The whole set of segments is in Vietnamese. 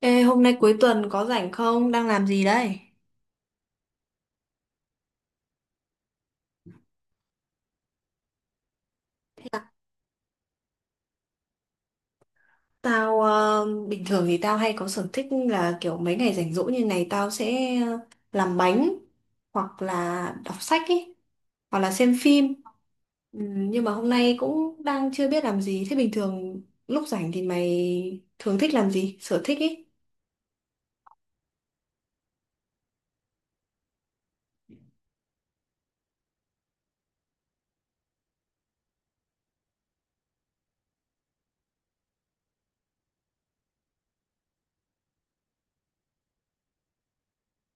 Ê, hôm nay cuối tuần có rảnh không? Đang làm gì đây? Tao bình thường thì tao hay có sở thích là kiểu mấy ngày rảnh rỗi như này tao sẽ làm bánh hoặc là đọc sách ấy hoặc là xem phim. Ừ, nhưng mà hôm nay cũng đang chưa biết làm gì. Thế bình thường lúc rảnh thì mày thường thích làm gì? Sở thích ý?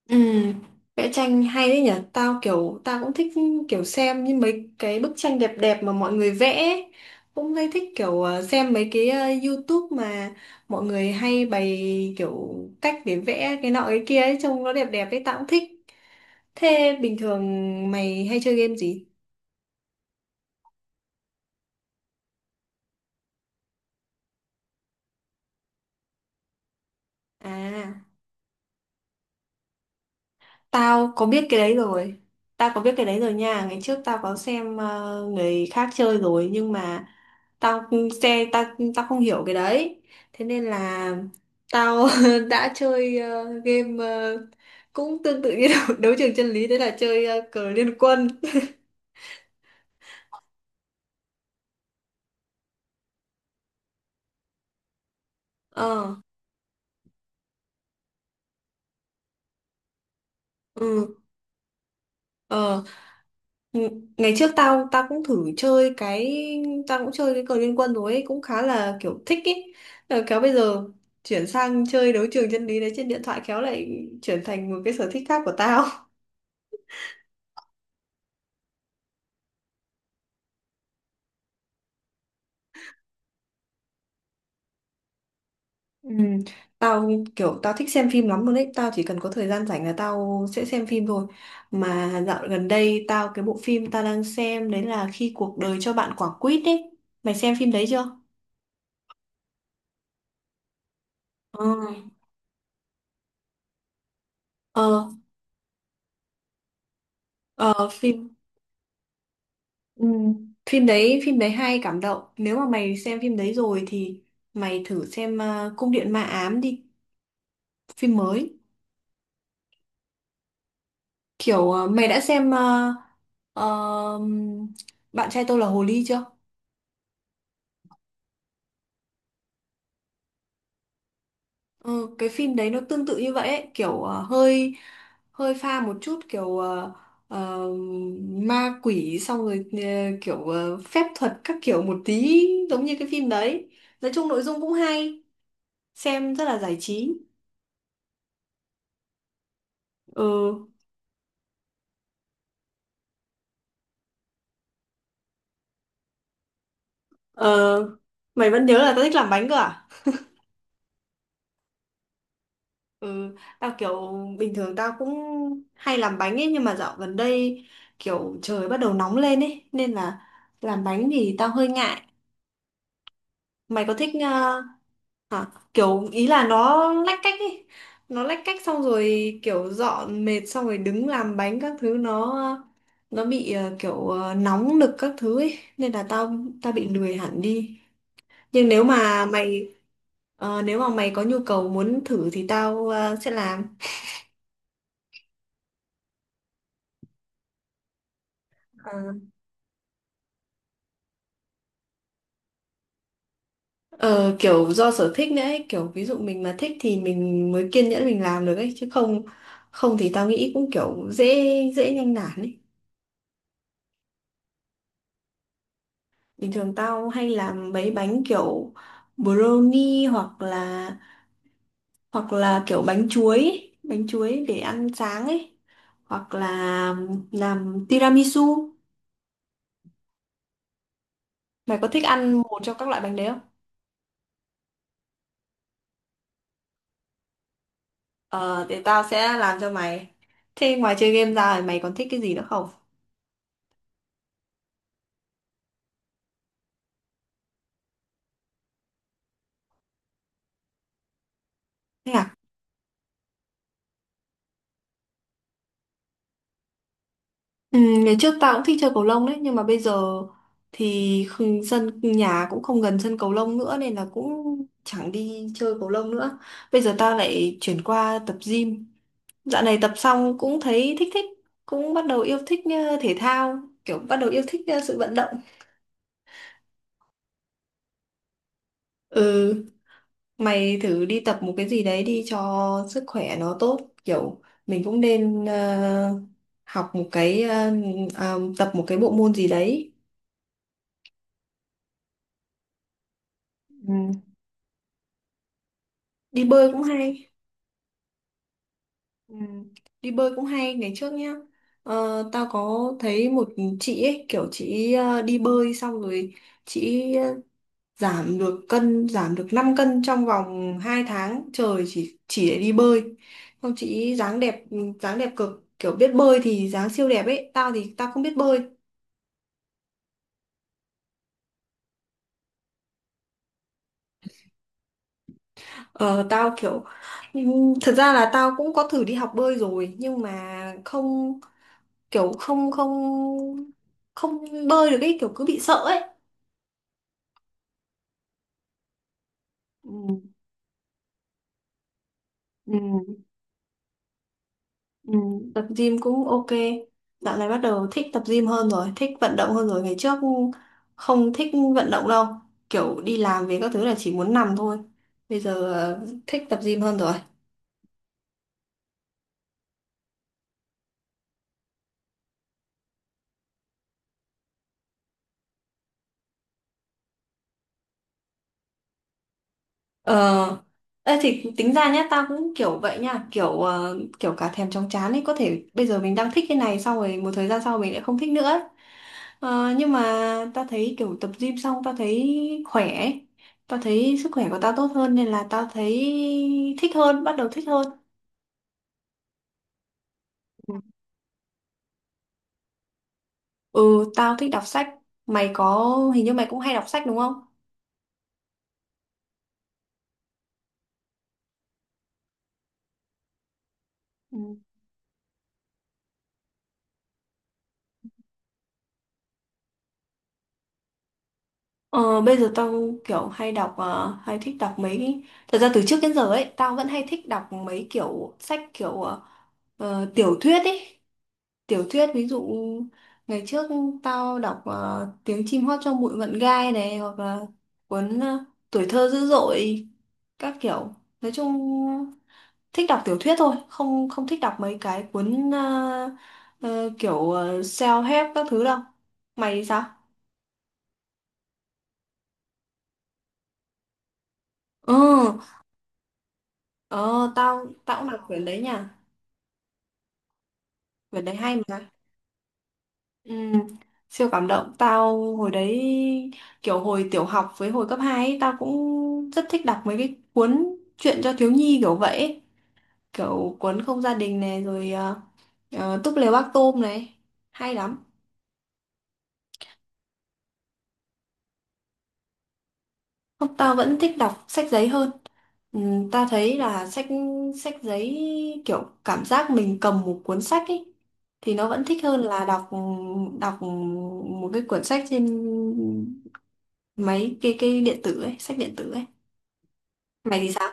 Ừ, vẽ tranh hay đấy nhỉ. Tao kiểu tao cũng thích kiểu xem như mấy cái bức tranh đẹp đẹp mà mọi người vẽ ấy. Cũng hay thích kiểu xem mấy cái YouTube mà mọi người hay bày kiểu cách để vẽ cái nọ cái kia ấy, trông nó đẹp đẹp ấy. Tao cũng thích. Thế bình thường mày hay chơi game gì? À. Tao có biết cái đấy rồi. Tao có biết cái đấy rồi nha. Ngày trước tao có xem người khác chơi rồi nhưng mà tao xe tao tao không hiểu cái đấy. Thế nên là tao đã chơi game cũng tương tự như đấu trường chân lý đấy là chơi cờ liên quân. Ờ. Ừ. Ờ, ngày trước tao tao cũng thử chơi cái tao cũng chơi cái cờ liên quân rồi ấy, cũng khá là kiểu thích ấy. Ờ, khéo bây giờ chuyển sang chơi đấu trường chân lý đấy trên điện thoại khéo lại chuyển thành một cái sở thích khác của tao. Ừ, tao kiểu tao thích xem phim lắm luôn đấy, tao chỉ cần có thời gian rảnh là tao sẽ xem phim thôi. Mà dạo gần đây cái bộ phim tao đang xem đấy là Khi cuộc đời cho bạn quả quýt ấy. Mày xem phim đấy chưa? Ờ, ờ, ờ, phim Ừ. Phim đấy hay cảm động. Nếu mà mày xem phim đấy rồi thì mày thử xem Cung điện ma ám đi, phim mới. Kiểu mày đã xem ờ, Bạn trai tôi là hồ ly chưa? Ừ, cái phim đấy nó tương tự như vậy ấy. Kiểu hơi hơi pha một chút kiểu ờ, ma quỷ, xong rồi kiểu phép thuật các kiểu một tí, giống như cái phim đấy. Nói chung nội dung cũng hay, xem rất là giải trí. Ừ. Ờ, mày vẫn nhớ là tao thích làm bánh cơ à? Ừ, tao kiểu bình thường tao cũng hay làm bánh ấy nhưng mà dạo gần đây kiểu trời bắt đầu nóng lên ấy nên là làm bánh thì tao hơi ngại. Mày có thích hả? Kiểu ý là nó lách cách ấy. Nó lách cách xong rồi kiểu dọn mệt xong rồi đứng làm bánh các thứ, nó bị kiểu nóng nực các thứ ấy nên là tao tao bị lười hẳn đi. Nhưng nếu mà mày có nhu cầu muốn thử thì tao sẽ làm. Ờ, kiểu do sở thích nữa ấy, kiểu ví dụ mình mà thích thì mình mới kiên nhẫn mình làm được ấy chứ không không thì tao nghĩ cũng kiểu dễ dễ nhanh nản ấy. Bình thường tao hay làm mấy bánh kiểu brownie hoặc là kiểu bánh chuối, ấy, bánh chuối để ăn sáng ấy hoặc là làm tiramisu. Mày có thích ăn một trong các loại bánh đấy không? Ờ, thì tao sẽ làm cho mày. Thế ngoài chơi game ra thì mày còn thích cái gì nữa không? Thế à? Ừ, ngày trước tao cũng thích chơi cầu lông đấy, nhưng mà bây giờ thì sân nhà cũng không gần sân cầu lông nữa nên là cũng chẳng đi chơi cầu lông nữa. Bây giờ tao lại chuyển qua tập gym. Dạo này tập xong cũng thấy thích thích, cũng bắt đầu yêu thích thể thao, kiểu bắt đầu yêu thích sự vận động. Ừ. Mày thử đi tập một cái gì đấy đi cho sức khỏe nó tốt. Kiểu mình cũng nên học một cái ờ, ờ, tập một cái bộ môn gì đấy. Ừ. Đi bơi cũng hay. Ừ. Đi bơi cũng hay ngày trước nhá. Ờ, tao có thấy một chị ấy kiểu chị đi bơi xong rồi chị giảm được 5 cân trong vòng 2 tháng trời, chỉ để đi bơi. Không, chị ý dáng đẹp, dáng đẹp cực, kiểu biết bơi thì dáng siêu đẹp ấy. Tao thì tao không biết bơi. Ờ Tao kiểu thật ra là tao cũng có thử đi học bơi rồi nhưng mà không, kiểu không không không bơi được ấy, kiểu cứ bị sợ ấy. Ừ. Ừ. Ừ, tập gym cũng ok. Dạo này bắt đầu thích tập gym hơn rồi, thích vận động hơn rồi. Ngày trước không thích vận động đâu. Kiểu đi làm về các thứ là chỉ muốn nằm thôi. Bây giờ thích tập gym hơn rồi. Ờ, ê, thì tính ra nhá, tao cũng kiểu vậy nha. Kiểu kiểu cả thèm chóng chán ấy. Có thể bây giờ mình đang thích cái này xong rồi một thời gian sau mình lại không thích nữa ấy. Ờ, nhưng mà tao thấy kiểu tập gym xong tao thấy khỏe ấy. Tao thấy sức khỏe của tao tốt hơn nên là tao thấy thích hơn, bắt đầu thích hơn. Ừ, tao thích đọc sách. Mày có, Hình như mày cũng hay đọc sách đúng không? Ừ. Ờ, bây giờ tao kiểu hay thích đọc mấy. Thật ra từ trước đến giờ ấy, tao vẫn hay thích đọc mấy kiểu sách kiểu tiểu thuyết ấy. Tiểu thuyết, ví dụ ngày trước tao đọc Tiếng chim hót trong bụi mận gai này, hoặc là cuốn Tuổi thơ dữ dội, các kiểu. Nói chung thích đọc tiểu thuyết thôi, không không thích đọc mấy cái cuốn kiểu self-help các thứ đâu. Mày thì sao? Ừ. ờ, tao tao cũng đọc quyển đấy nha. Quyển đấy hay mà. Ừ, siêu cảm động. Tao hồi đấy kiểu hồi tiểu học với hồi cấp 2 ấy, tao cũng rất thích đọc mấy cái cuốn truyện cho thiếu nhi kiểu vậy ấy. Kiểu cuốn Không gia đình này rồi Túp lều bác tôm này, hay lắm. Không, tao vẫn thích đọc sách giấy hơn. Ừ, ta thấy là sách sách giấy, kiểu cảm giác mình cầm một cuốn sách ấy thì nó vẫn thích hơn là đọc đọc một cái cuốn sách trên máy cái điện tử ấy, sách điện tử ấy. Mày thì sao?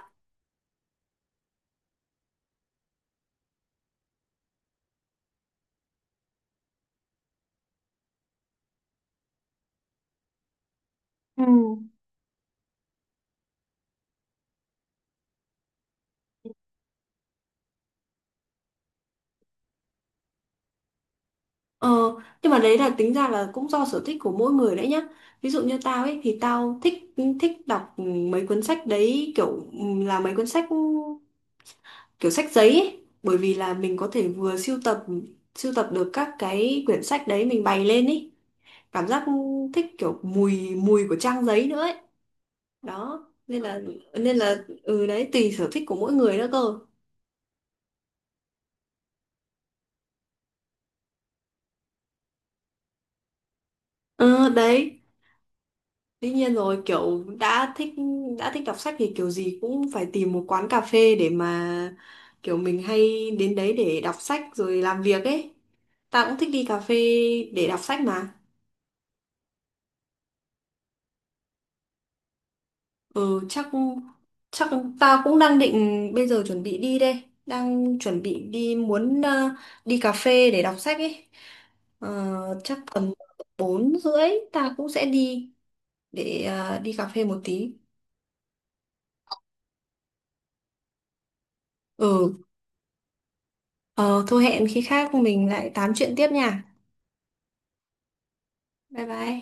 Ừ. Ờ, nhưng mà đấy là tính ra là cũng do sở thích của mỗi người đấy nhá. Ví dụ như tao ấy thì tao thích thích đọc mấy cuốn sách đấy kiểu là mấy cuốn sách kiểu sách giấy ấy. Bởi vì là mình có thể vừa sưu tập được các cái quyển sách đấy mình bày lên ý, cảm giác thích kiểu mùi mùi của trang giấy nữa ấy, đó nên là ừ đấy tùy sở thích của mỗi người nữa cơ. Ừ đấy, tuy nhiên rồi kiểu đã thích đọc sách thì kiểu gì cũng phải tìm một quán cà phê để mà kiểu mình hay đến đấy để đọc sách rồi làm việc ấy. Tao cũng thích đi cà phê để đọc sách mà. Ừ chắc Chắc tao cũng đang định bây giờ chuẩn bị đi đây, đang chuẩn bị đi muốn đi cà phê để đọc sách ấy. Ờ, chắc tầm 4h30 ta cũng sẽ đi để đi cà phê một tí. Ừ, ờ, thôi hẹn khi khác mình lại tám chuyện tiếp nha. Bye bye.